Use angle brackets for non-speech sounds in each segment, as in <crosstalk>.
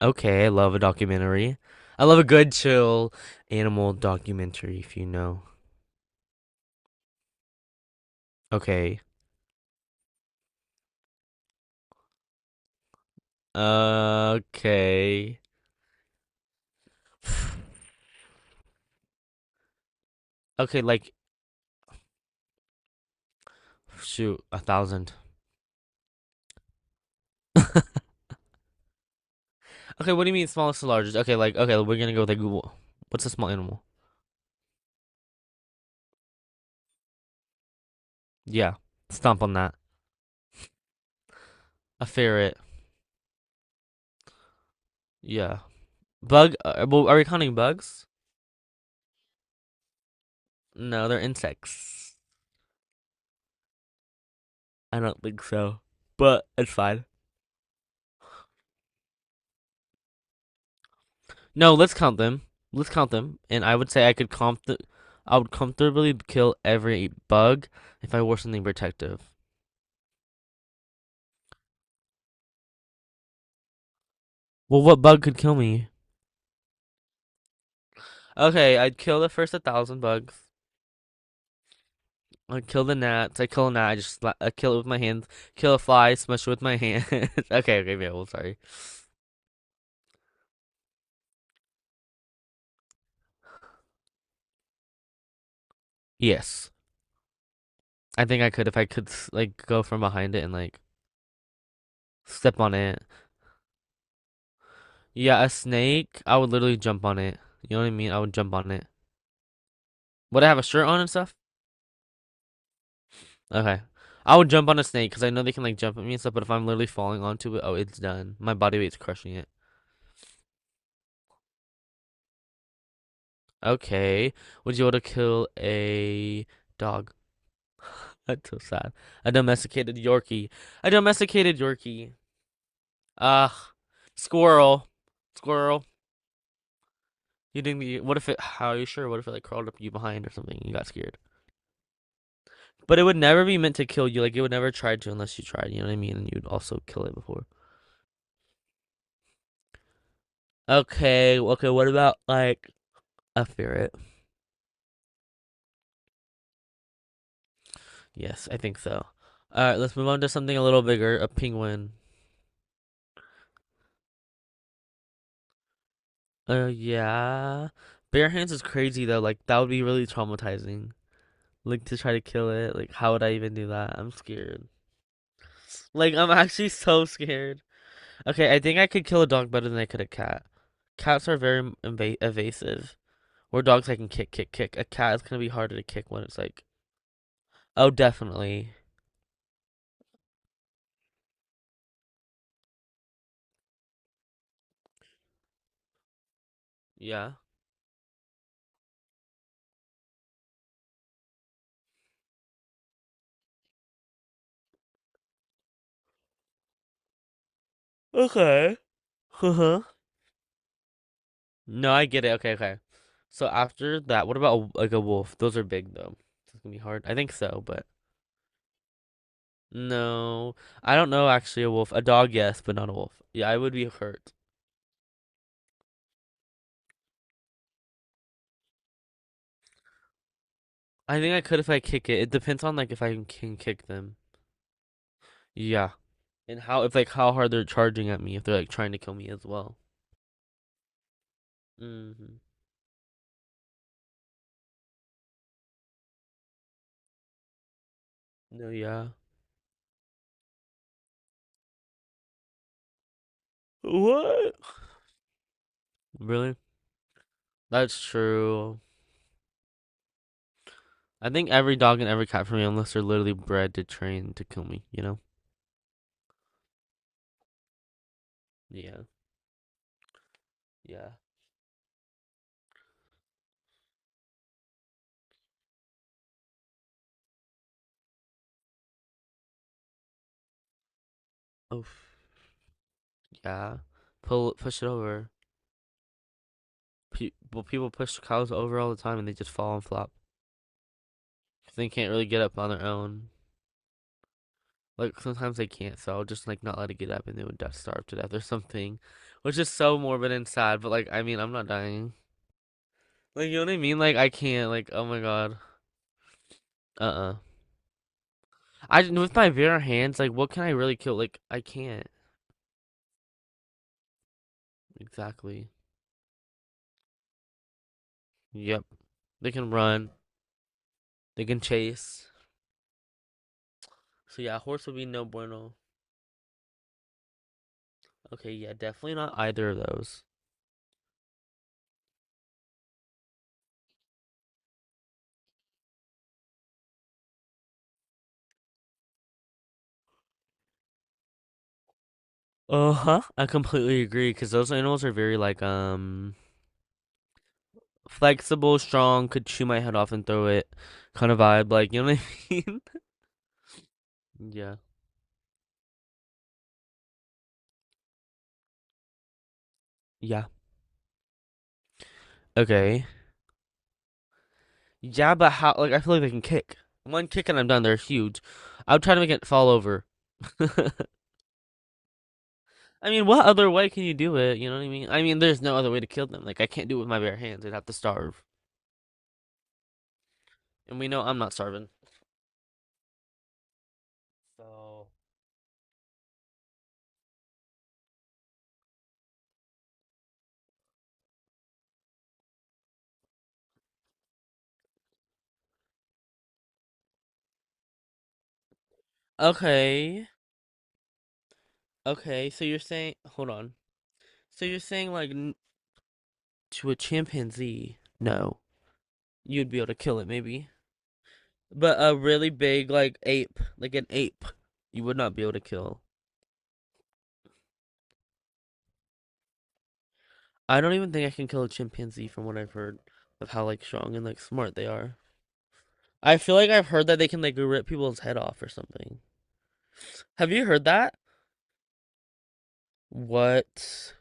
Okay, I love a documentary. I love a good chill animal documentary if you know. Okay. Okay. <sighs> Okay, like shoot, a thousand. Okay, what do you mean smallest to largest? Okay, like, we're gonna go with like what's a small animal? Yeah. Stomp on that. A ferret. Yeah. Bug well, are we counting bugs? No, they're insects. I don't think so. But it's fine. No, let's count them. Let's count them. And I would say I would comfortably kill every bug if I wore something protective. Well, what bug could kill me? Okay, I'd kill the first 1,000 bugs. I'd kill the gnats. I kill a gnat. I kill it with my hands. Kill a fly. Smash it with my hand. <laughs> Okay, yeah, well, sorry. Yes, I think I could if I could like go from behind it and like step on it. Yeah, a snake. I would literally jump on it. You know what I mean? I would jump on it. Would I have a shirt on and stuff? Okay. I would jump on a snake because I know they can like jump at me and stuff, but if I'm literally falling onto it, oh, it's done. My body weight's crushing it. Okay. Would you want to kill a dog? <laughs> That's so sad. A domesticated Yorkie. A domesticated Yorkie. Ugh. Squirrel. Squirrel. You didn't. You, what if it? How are you sure? What if it like crawled up you behind or something? And you got scared. But it would never be meant to kill you. Like it would never try to unless you tried. You know what I mean? And you'd also kill it before. Okay. Okay. What about like a ferret? Yes, I think so. All right, let's move on to something a little bigger, a penguin. Yeah. Bare hands is crazy though. Like that would be really traumatizing. Like to try to kill it. Like how would I even do that? I'm scared. Like I'm actually so scared. Okay, I think I could kill a dog better than I could a cat. Cats are very inva evasive. Where dogs I can kick, kick, kick. A cat is gonna be harder to kick when it's like, oh, definitely. Yeah. Okay. <laughs> Uh-huh. No, I get it. Okay. So after that, what about like a wolf? Those are big though. It's gonna be hard. I think so, but no, I don't know actually a wolf. A dog, yes, but not a wolf. Yeah, I would be hurt. I think I could if I kick it. It depends on like if I can kick them. Yeah. And how if like how hard they're charging at me if they're like trying to kill me as well. Hmm. No, yeah. What? Really? That's true. I think every dog and every cat for me, unless they're literally bred to train to kill me, you know? Yeah. Yeah. Oof. Yeah. Pull push it over. Well, people push cows over all the time and they just fall and flop. 'Cause they can't really get up on their own. Like sometimes they can't, so I'll just like not let it get up and they would die, starve to death or something, which is so morbid and sad. But like, I mean, I'm not dying. Like, you know what I mean? Like, I can't. Like, oh my god. Uh-uh. I with my bare hands. Like, what can I really kill? Like, I can't. Exactly. Yep. They can run. They can chase. So yeah, horse would be no bueno. Okay, yeah, definitely not either of those. Uh-huh. I completely agree because those animals are very like flexible, strong, could chew my head off and throw it kind of vibe, like you know what I mean? <laughs> Yeah. Yeah. Okay. Yeah, but how like I feel like they can kick. One kick and I'm done. They're huge. I would try to make it fall over. <laughs> I mean, what other way can you do it? You know what I mean? I mean, there's no other way to kill them. Like I can't do it with my bare hands. I'd have to starve. And we know I'm not starving. So okay. Okay, so you're saying hold on. So you're saying to a chimpanzee, no, you'd be able to kill it maybe. But a really big, like an ape, you would not be able to kill. I don't even think I can kill a chimpanzee from what I've heard of how like strong and like smart they are. I feel like I've heard that they can like rip people's head off or something. Have you heard that? What?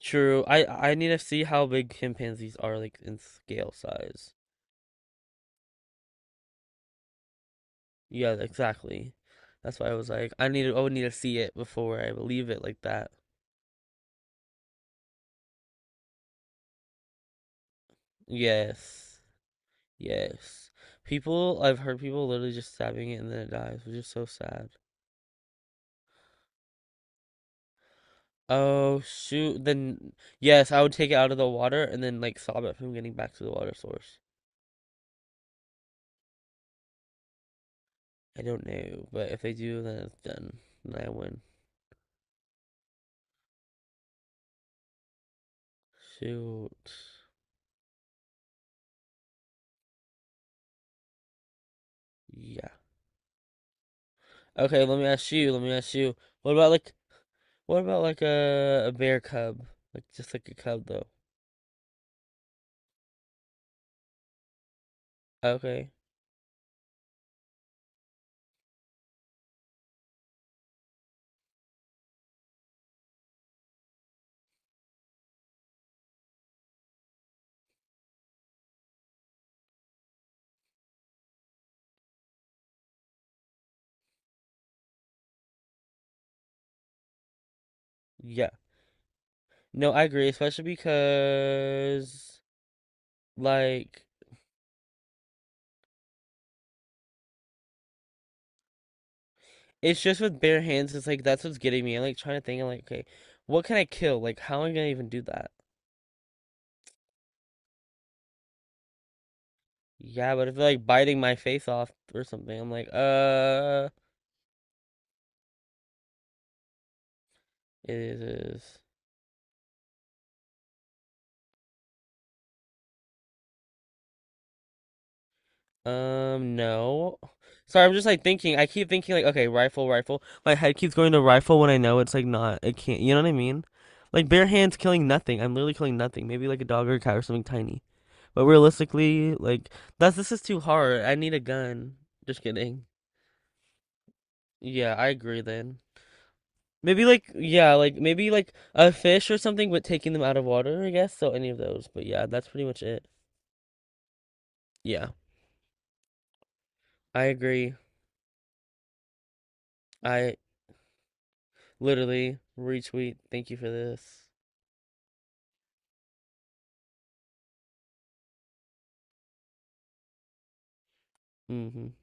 True. I need to see how big chimpanzees are like in scale size. Yeah, exactly. That's why I was like, I need to, I would need to see it before I believe it like that. Yes. Yes. People, I've heard people literally just stabbing it and then it dies, which is so sad. Oh, shoot. Then, yes, I would take it out of the water and then, like, stop it from getting back to the water source. I don't know, but if they do, then it's done. Then I win. Shoot. Yeah. Okay, let me ask you. Let me ask you. What about, like, what about, like, a bear cub? Like, just like a cub, though. Okay. Yeah. No, I agree, especially because, like, it's just with bare hands. It's like that's what's getting me. I'm like trying to think. I'm like, okay, what can I kill? Like, how am I gonna even do that? Yeah, but if they're like biting my face off or something, I'm like, it is. No. Sorry, I'm just like thinking. I keep thinking like, okay, rifle, rifle. My head keeps going to rifle when I know it's like not. It can't. You know what I mean? Like bare hands killing nothing. I'm literally killing nothing. Maybe like a dog or a cat or something tiny. But realistically, like that's this is too hard. I need a gun. Just kidding. Yeah, I agree then. Maybe like yeah, like maybe like a fish or something, but taking them out of water, I guess. So any of those. But yeah, that's pretty much it. Yeah, I agree. I literally retweet. Thank you for this. Hmm.